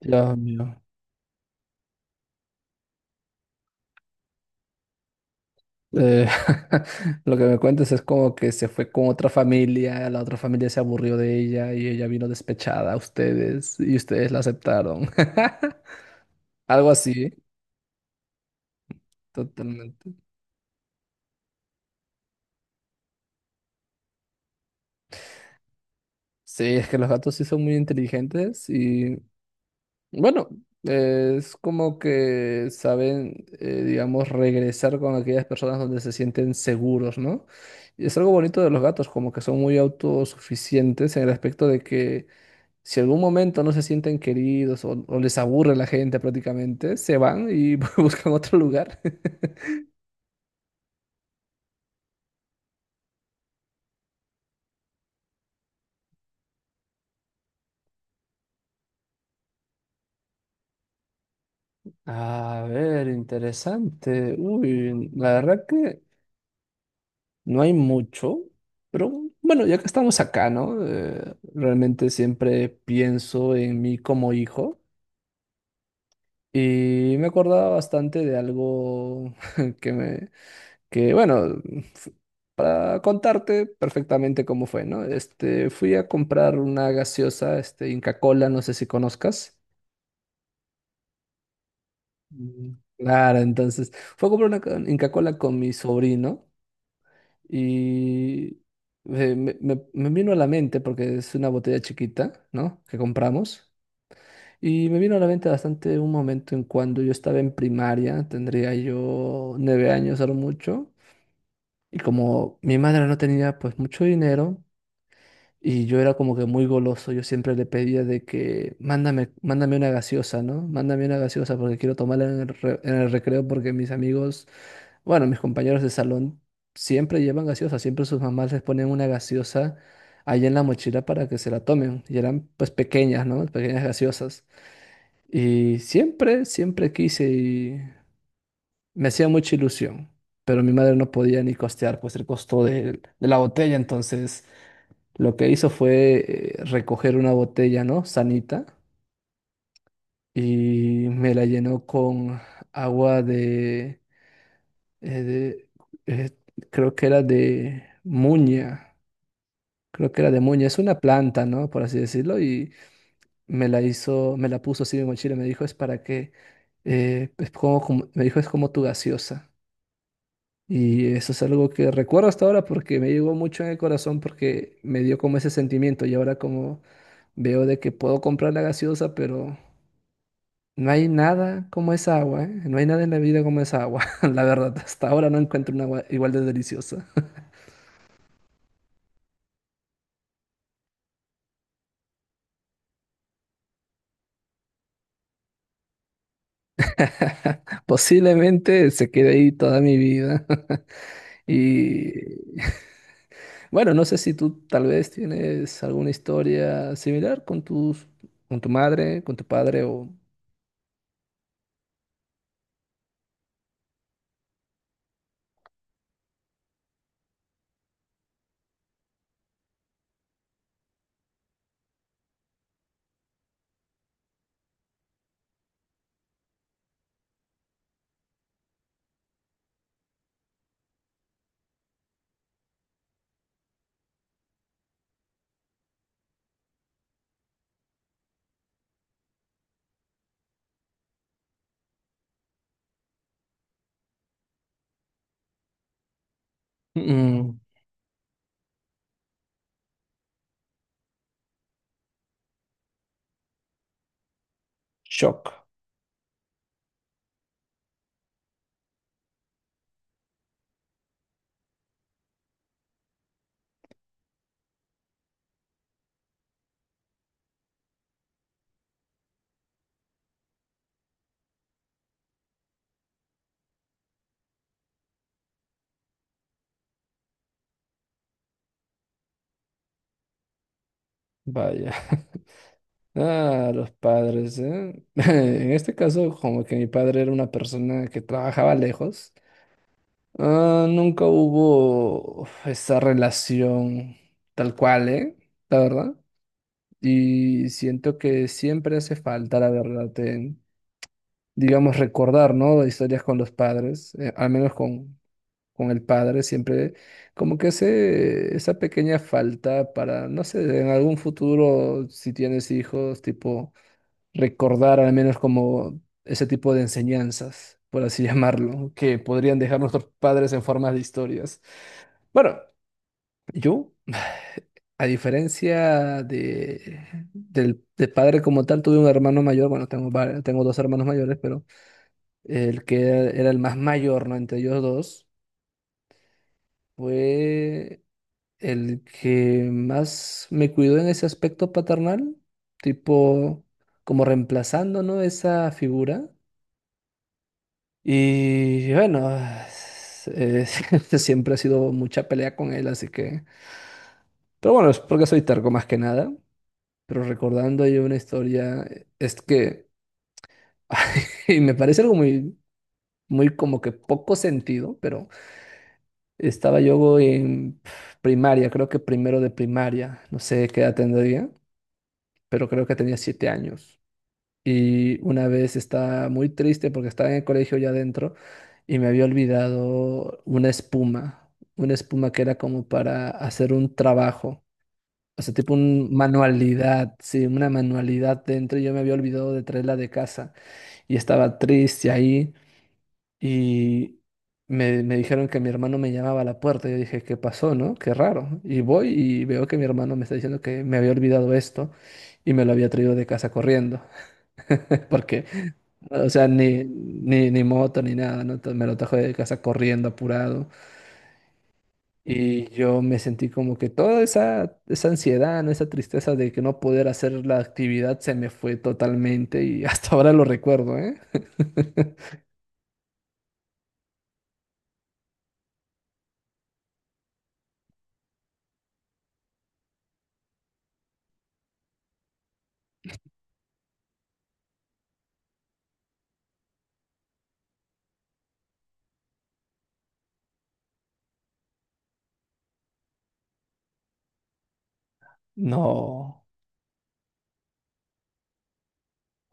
Dios mío. Eh, lo que me cuentas es como que se fue con otra familia, la otra familia se aburrió de ella y ella vino despechada a ustedes y ustedes la aceptaron. Algo así, totalmente. Sí, es que los gatos sí son muy inteligentes y bueno, es como que saben, digamos, regresar con aquellas personas donde se sienten seguros, ¿no? Y es algo bonito de los gatos, como que son muy autosuficientes en el aspecto de que, si algún momento no se sienten queridos o les aburre la gente prácticamente, se van y buscan otro lugar. A ver, interesante. Uy, la verdad que no hay mucho, pero bueno, ya que estamos acá, ¿no? Realmente siempre pienso en mí como hijo y me acordaba bastante de algo que me, que bueno, para contarte perfectamente cómo fue, ¿no? Este, fui a comprar una gaseosa, este, Inca Kola, no sé si conozcas. Mm. Claro, entonces fue a comprar una Inca Kola con mi sobrino y me vino a la mente, porque es una botella chiquita, ¿no? Que compramos. Y me vino a la mente bastante un momento en cuando yo estaba en primaria, tendría yo 9 años a lo mucho, y como mi madre no tenía pues mucho dinero. Y yo era como que muy goloso, yo siempre le pedía de que mándame, mándame una gaseosa, ¿no? Mándame una gaseosa porque quiero tomarla en en el recreo porque mis amigos, bueno, mis compañeros de salón siempre llevan gaseosa, siempre sus mamás les ponen una gaseosa ahí en la mochila para que se la tomen. Y eran pues pequeñas, ¿no? Pequeñas gaseosas. Y siempre, siempre quise y me hacía mucha ilusión, pero mi madre no podía ni costear pues el costo de la botella, entonces... Lo que hizo fue recoger una botella, ¿no? Sanita, y me la llenó con agua de- eh, creo que era de muña, creo que era de muña, es una planta, ¿no? Por así decirlo, y me la hizo, me la puso así en mi mochila, me dijo, es para que, me dijo, es como tu gaseosa. Y eso es algo que recuerdo hasta ahora porque me llegó mucho en el corazón porque me dio como ese sentimiento y ahora como veo de que puedo comprar la gaseosa, pero no hay nada como esa agua, ¿eh? No hay nada en la vida como esa agua, la verdad. Hasta ahora no encuentro una agua igual de deliciosa. Posiblemente se quede ahí toda mi vida. Y bueno, no sé si tú tal vez tienes alguna historia similar con con tu madre, con tu padre o... Mm, shock, vaya. Ah, los padres, ¿eh? En este caso, como que mi padre era una persona que trabajaba lejos, ah, nunca hubo uf, esa relación tal cual, ¿eh? La verdad. Y siento que siempre hace falta, la verdad, en, digamos, recordar, ¿no? Historias con los padres, al menos con el padre, siempre como que hace esa pequeña falta para, no sé, en algún futuro, si tienes hijos, tipo recordar al menos como ese tipo de enseñanzas, por así llamarlo, que podrían dejar nuestros padres en forma de historias. Bueno, yo, a diferencia de padre como tal, tuve un hermano mayor, bueno, tengo dos hermanos mayores, pero el que era, era el más mayor, ¿no? Entre ellos dos, fue el que más me cuidó en ese aspecto paternal, tipo como reemplazando, ¿no? Esa figura. Y bueno, eh, siempre ha sido mucha pelea con él, así que... Pero bueno, es porque soy terco más que nada. Pero recordando yo una historia, es que... y me parece algo muy como que poco sentido, pero estaba yo en primaria, creo que primero de primaria, no sé qué edad tendría, pero creo que tenía 7 años. Y una vez estaba muy triste porque estaba en el colegio ya adentro y me había olvidado una espuma que era como para hacer un trabajo, o sea, tipo una manualidad, sí, una manualidad dentro y yo me había olvidado de traerla de casa y estaba triste ahí y me dijeron que mi hermano me llamaba a la puerta. Yo dije, ¿qué pasó, no? Qué raro. Y voy y veo que mi hermano me está diciendo que me había olvidado esto y me lo había traído de casa corriendo porque, o sea, ni moto ni nada, ¿no? Entonces, me lo trajo de casa corriendo, apurado. Y yo me sentí como que toda esa ansiedad, ¿no? Esa tristeza de que no poder hacer la actividad se me fue totalmente y hasta ahora lo recuerdo, ¿eh? No.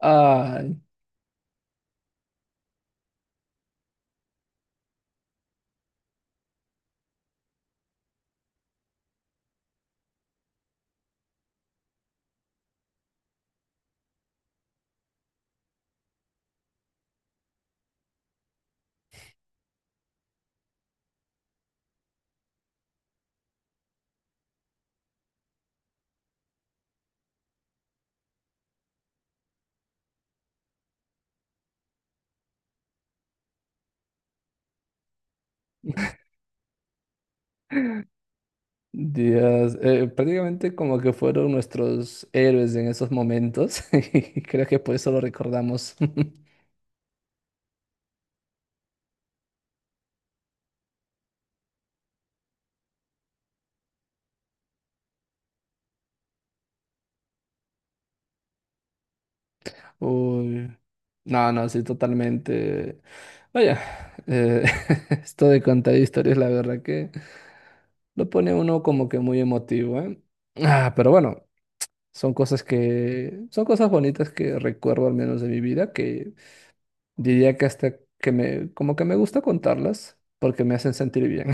Ay, Dios. Prácticamente como que fueron nuestros héroes en esos momentos. Y creo que por eso lo recordamos. Uy. No, no, sí, totalmente. Vaya, eh, esto de contar historias, la verdad que lo pone uno como que muy emotivo, ¿eh? Ah, pero bueno, son cosas que, son cosas bonitas que recuerdo al menos de mi vida, que diría que como que me gusta contarlas porque me hacen sentir bien.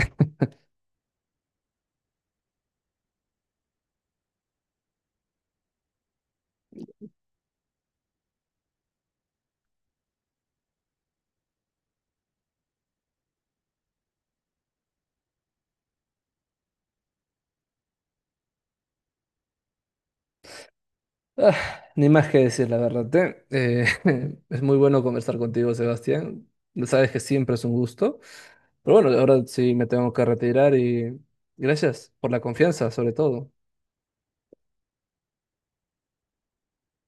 Ah, ni más que decir, la verdad, ¿eh? Es muy bueno conversar contigo, Sebastián. Sabes que siempre es un gusto. Pero bueno, ahora sí me tengo que retirar y gracias por la confianza, sobre todo.